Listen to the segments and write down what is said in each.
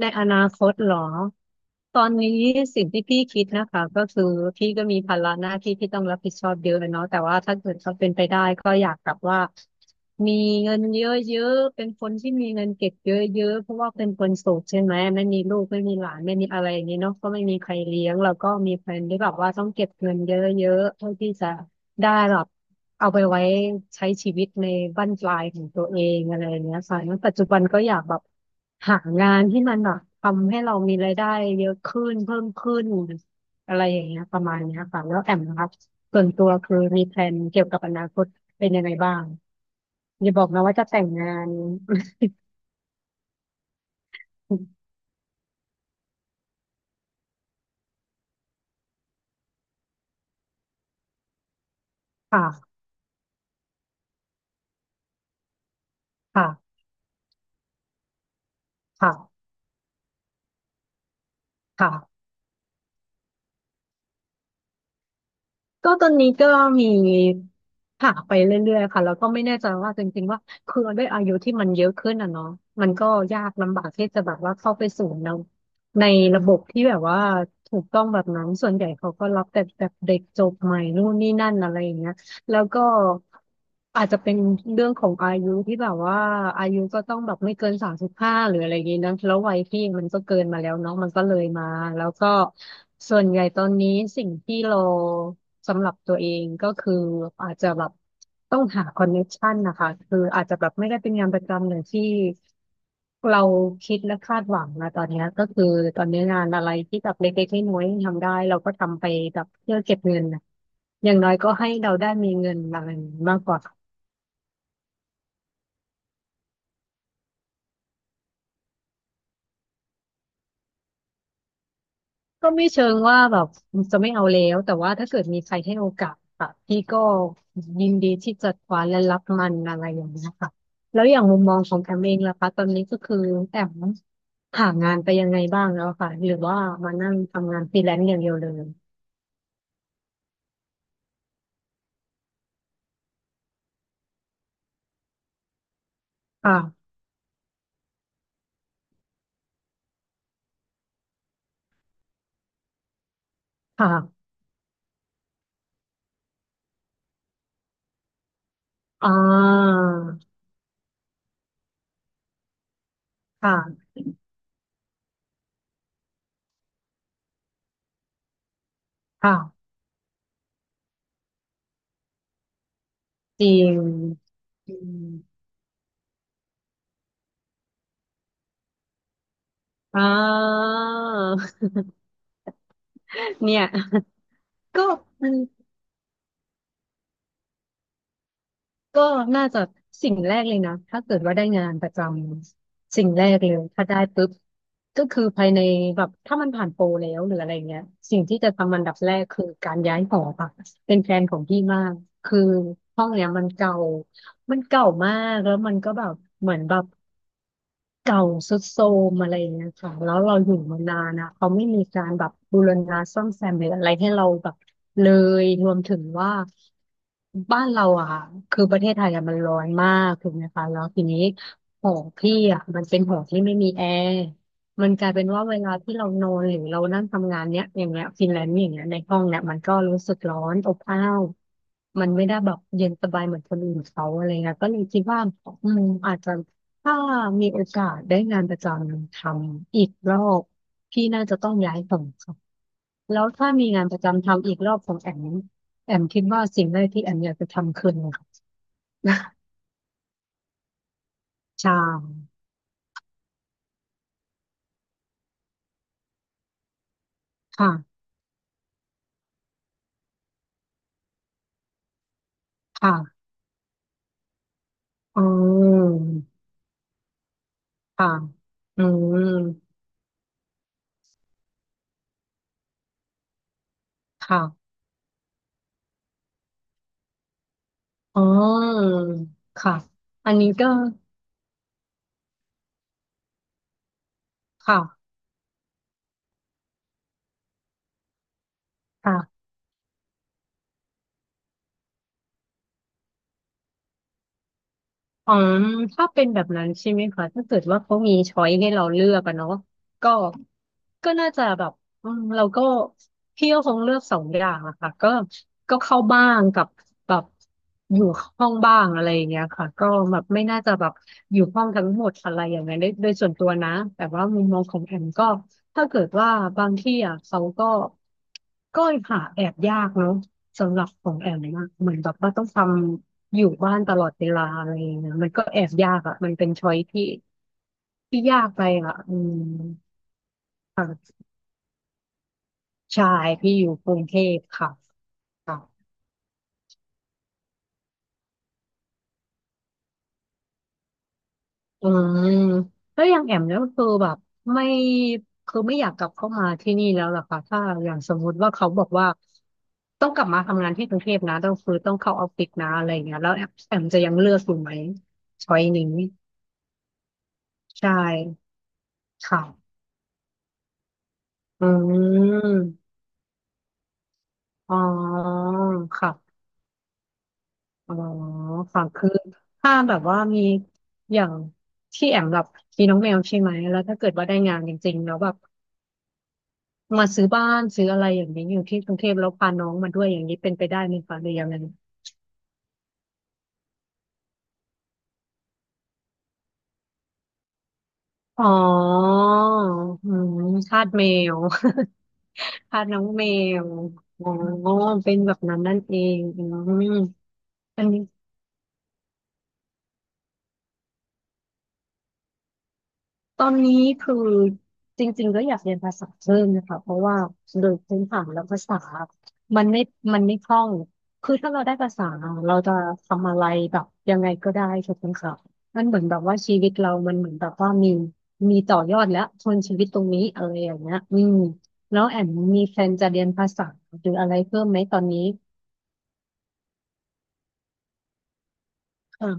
ในอนาคตเหรอตอนนี้สิ่งที่พี่คิดนะคะก็คือพี่ก็มีภาระหน้าที่ที่ต้องรับผิดชอบเยอะเนาะแต่ว่าถ้าเกิดเขาเป็นไปได้ก็อยากแบบว่ามีเงินเยอะๆเป็นคนที่มีเงินเก็บเยอะๆเพราะว่าเป็นคนโสดใช่ไหมไม่มีลูกไม่มีหลานไม่มีอะไรอย่างนี้เนาะก็ไม่มีใครเลี้ยงแล้วก็มีแฟนที่แบบว่าต้องเก็บเงินเยอะๆเพื่อที่จะ ได้แบบเอาไปไว้ใช้ชีวิตในบั้นปลายของตัวเองอะไรอย่างเงี้ยค่ะแล้วปัจจุบันก็อยากแบบหางานที่มันแบบทำให้เรามีรายได้เยอะขึ้นเพิ่มขึ้นอะไรอย่างเงี้ยประมาณเนี้ยค่ะแล้วแอมนะครับส่วนตัวคือมีแพลนเกี่ยวกับอนาคตเป็นยังไงบ้างอย่าบอกนะว่าจะแต่งงาน ค่ะค่ะค่ะค่ะ ก็ตอนนี้ก็มีผ่าไปเรื่อยๆค่ะแล้วก็ไม่แน่ใจว่าจริงๆว่าคือด้วยอายุที่มันเยอะขึ้นอ่ะเนาะมันก็ยากลำบากที่จะแบบว่าเข้าไปสู่ในระบบที่แบบว่าถูกต้องแบบนั้นส่วนใหญ่เขาก็รับแต่แบบเด็กจบใหม่นู่นนี่นั่นอะไรอย่างเงี้ย แล้วก็อาจจะเป็นเรื่องของอายุที่แบบว่าอายุก็ต้องแบบไม่เกิน35หรืออะไรอย่างนี้นะแล้ววัยพี่มันก็เกินมาแล้วเนาะมันก็เลยมาแล้วก็ส่วนใหญ่ตอนนี้สิ่งที่เราสำหรับตัวเองก็คืออาจจะแบบต้องหาคอนเน c t ชันนะคะคืออาจจะแบบไม่ได้เป็นงานประจำอย่างที่ เราคิดและคาดหวังนะตอนเนี้ยก็คือตอนนี้งานอะไรที่แบบเล็กๆน้อยๆทำได้เราก็ทำไปแบบเพื่อเก็บเงินนะอย่างน้อยก็ให้เราได้มีเงินมาเงินมากกว่าก็ไม่เชิงว่าแบบจะไม่เอาแล้วแต่ว่าถ้าเกิดมีใครให้โอกาสค่ะพี่ก็ยินดีที่จะคว้าและรับมันอะไรอย่างเงี้ยค่ะแล้วอย่างมุมมองของแอมเองล่ะคะตอนนี้ก็คือแอมหางานไปยังไงบ้างแล้วค่ะหรือว่ามานั่งทำงานฟรีแลนซ์อย่างเดียวเลยค่ะค่ะ อ่าค่ะค่ะจริงจริงอ่า เนี่ย ก็มันก็น่าจะสิ่งแรกเลยนะ ถ้าเกิดว่าได้งานประจำสิ่งแรกเลยถ้าได้ปุ๊บก็คือภายในแบบถ้ามันผ่านโปรแล้วหรืออะไรเงี้ยสิ่งที่จะทำอันดับแรกคือการย้ายหอค่ะเป็นแฟนของพี่มากคือห้องเนี้ยมันเก่ามากแล้วมันก็แบบเหมือนแบบ เก่าทรุดโทรมอะไรอย่างเงี้ยค่ะแล้วเราอยู่มานานนะเขาไม่มีการแบบบูรณะซ่อมแซมหรืออะไรให้เราแบบเลยรวมถึงว่าบ้านเราอะค่ะคือประเทศไทยอะมันร้อนมากถูกไหมคะแล้วทีนี้หอพี่อ่ะมันเป็นหอที่ไม่มีแอร์มันกลายเป็นว่าเวลาที่เรานอนหรือเรานั่งทำงานเนี้ยอย่างเงี้ยฟินแลนด์อย่างเงี้ยในห้องเนี้ยมันก็รู้สึกร้อนอบอ้าวมันไม่ได้แบบเย็นสบายเหมือนคนอื่นเขาอะไรเงี้ยก็เลยคิดว่าอืมอาจจะ ถ้ามีโอกาสได้งานประจำทำอีกรอบพี่น่าจะต้องย้ายฝั่งค่ะแล้วถ้ามีงานประจำทำอีกรอบของแอมแอมคิดว่าสิ่งแรกที่แอมอยากจะทำคืออะไรคะชาค่ะค่ะอืมค่ะอืมค่ะอ๋อค่ะอันนี้ก็ค่ะค่ะ อ๋อถ้าเป็นแบบนั้นใช่ไหมคะถ้าเกิดว่าเขามีช้อยให้เราเลือกอะเนาะก็ก็น่าจะแบบอืมเราก็พี่ก็คงเลือก2 อย่างอะค่ะก็เข้าบ้างกับแบบอยู่ห้องบ้างอะไรอย่างเงี้ยค่ะก็แบบไม่น่าจะแบบอยู่ห้องทั้งหมดอะไรอย่างเงี้ยโดยส่วนตัวนะแต่ว่ามุมมองของแอมก็ถ้าเกิดว่าบางที่อะเขาก็ก็หาแอบยากเนาะสำหรับของแอมนะเหมือนแบบว่าต้องทำ อยู่บ้านตลอดเวลาอะไรอย่างเงี้ยมันก็แอบยากอ่ะมันเป็นช้อยที่ยากไปอ่ะอืมค่ะใชายที่อยู่กรุงเทพค่ะค่ะอืมแล้วอย่างแอมเนี่ยก็คือแบบไม่คือไม่อยากกลับเข้ามาที่นี่แล้วล่ะค่ะถ้าอย่างสมมุติว่าเขาบอกว่าต้องกลับมาทำงานที่กรุงเทพนะต้องคือต้องเข้าออฟฟิศนะอะไรอย่างเงี้ยแล้วแอมจะยังเลือกอยู่ไหมช้อยนี้ใช่ค่ะอืมอ๋อค่ะ อ๋อค่ะคือถ้าแบบว่ามีอย่างที่แอมแบบมีน้องแมวใช่ไหมแล้วถ้าเกิดว่าได้งานจริงๆแล้วแบบมาซื้อบ้านซื้ออะไรอย่างนี้อยู่ที่กรุงเทพแล้วพาน้องมาด้วยอย่างนี้เป็นไปได้ไหมคะหรือยังไงอ๋ออืมทาสแมว ทาสน้องแมวอ๋อเป็นแบบนั้นนั่นเองอืมอันนี้ ตอนนี้คือจริงๆก็อยากเรียนภาษาเพิ่มนะคะเพราะว่าโดยพื้นฐานแล้วภาษามันไม่มันไม่คล่องคือถ้าเราได้ภาษาเราจะทำอะไรแบบยังไงก็ได้ถูกไหมคะมันเหมือนแบบว่าชีวิตเรามันเหมือนแบบว่ามีต่อยอดแล้วทนชีวิตตรงนี้อะไรอย่างเงี้ยอืมแล้วแอมมีแฟนจะเรียนภาษาหรืออะไรเพิ่มไหมตอนนี้ค่ะ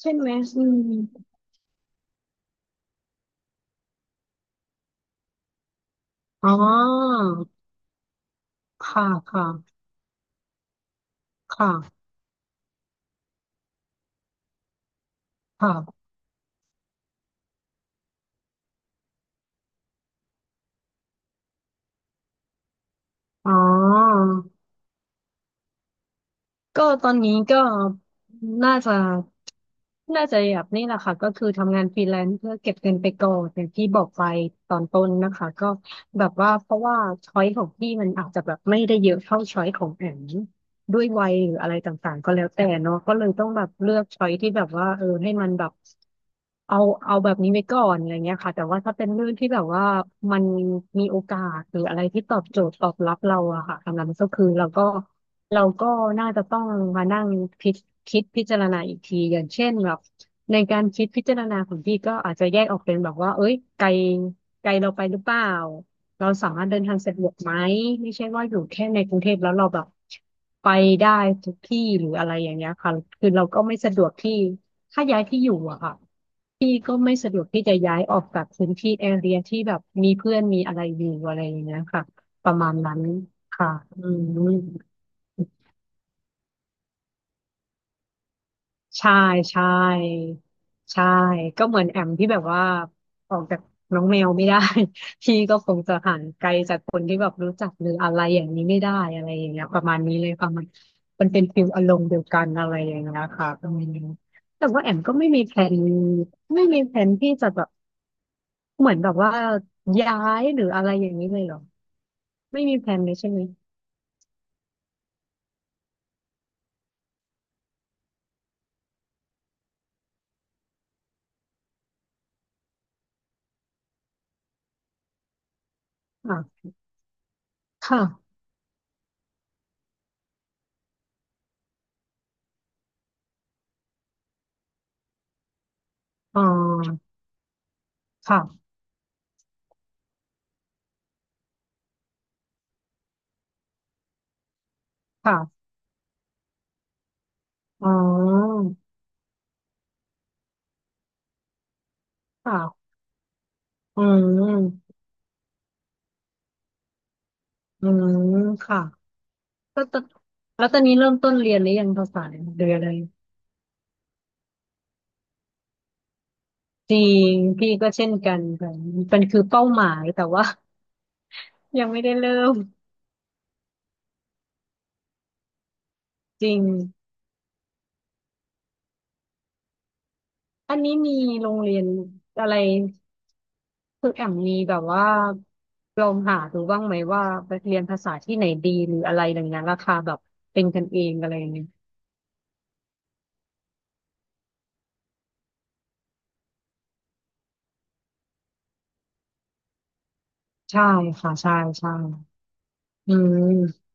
ใช่ไหมอืมอ๋อค่ะค่ะค่ะค่ะอ๋อ ก็ตอนนี้ก็น่าจะน่าจะแบบนี่แหละค่ะก็คือทำงานฟรีแลนซ์เพื่อเก็บเงินไปก่อนอย่างที่บอกไปตอนต้นนะคะก็แบบว่าเพราะว่าช้อยของพี่มันอาจจะแบบไม่ได้เยอะเท่าช้อยของแอม ด้วยวัยหรืออะไรต่างๆก็แล้วแต่เนาะก็เลยต้องแบบเลือกช้อยที่แบบว่าเออให้มันแบบเอาเอาแบบนี้ไว้ก่อนอะไรเงี้ยค่ะแต่ว่าถ้าเป็นเรื่องที่แบบว่ามันมีโอกาสหรืออะไรที่ตอบโจทย์ตอบรับเราอะค่ะสำหรับมันก็คือเราก็น่าจะต้องมานั่งพิจคิดพิจารณาอีกทีอย่างเช่นแบบในการคิดพิจารณาของพี่ก็อาจจะแยกออกเป็นแบบว่าเอ้ยไกลไกลเราไปหรือเปล่า เราสามารถเดินทางสะดวกไหมไม่ใช่ว่าอยู่แค่ในกรุงเทพแล้วเราแบบไปได้ทุกที่หรืออะไรอย่างเงี้ยค่ะคือเราก็ไม่สะดวกที่ถ้าย้ายที่อยู่อะค่ะพี่ก็ไม่สะดวกที่จะย้ายออกจากพื้นที่แอเรียที่แบบมีเพื่อนมีอะไรอยู่อะไรอย่างเงี้ยค่ะประมาณนั้นค่ะอืม ใช่ใช่ใช่ก็เหมือนแอมที่แบบว่าออกจากน้องแมวไม่ได้ พี่ก็คงจะห่างไกลจากคนที่แบบรู้จักหรืออะไรอย่างนี้ไม่ได้อะไรอย่างเงี้ยประมาณนี้เลยประมาณมันเป็นฟิลอารมณ์เดียวกันอะไรอย่างเงี้ยค่ะประมาณนี้แต่ว่าแอมก็ไม่มีแผนที่จะแบบเหมือนแบบว่าย้ายหรืออะไรอย่างนี้เลยเหรอไม่มีแผนเลยใช่ไหมอ่ะค่ะอ๋อค่ะค่ะอ๋อค่ะอืม อืมค่ะก็ตอนแล้วตอนนี้เริ่มต้นเรียนหรือยังภาษาเดือนเลยจริงพี่ก็เช่นกันค่ะมันคือเป้าหมายแต่ว่า ยังไม่ได้เริ่มจริงอันนี้มีโรงเรียนอะไรคือแอมมีแบบว่าลองหาดูบ้างไหมว่าไปเรียนภาษาที่ไหนดีหรืออะไรอย่างเงี้ยราคาแบบเป็นกันเองอะไรอย่างเงี้ยใช่ค่ะใช่ใช่อืม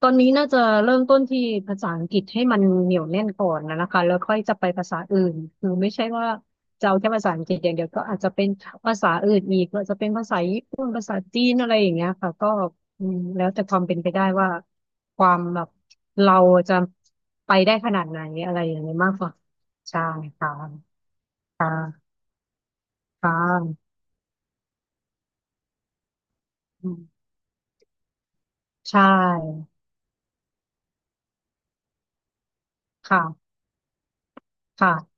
ตอนนี้น่าจะเริ่มต้นที่ภาษาอังกฤษให้มันเหนียวแน่นก่อนนะคะแล้วค่อยจะไปภาษาอื่นคือไม่ใช่ว่าจะเอาแค่ภาษาอังกฤษอย่างเดียวก็อาจจะเป็นภาษาอื่นอีกก็จะเป็นภาษาญี่ปุ่นภาษาจีนอะไรอย่างเงี้ยค่ะก็อืมแล้วแต่ความเป็นไปได้ว่าความแบบเราจะไปได้ขนาดไหนอะไรอย่างนี้ยมากกว่าใช่ค่ะค่ะค่ะอืมใช่ค่ะค่ะ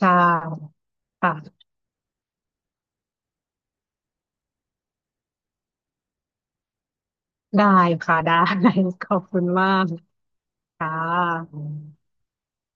ใช่ค่ะได้ค่ะได้ ขอบคุณมาก ค่ะ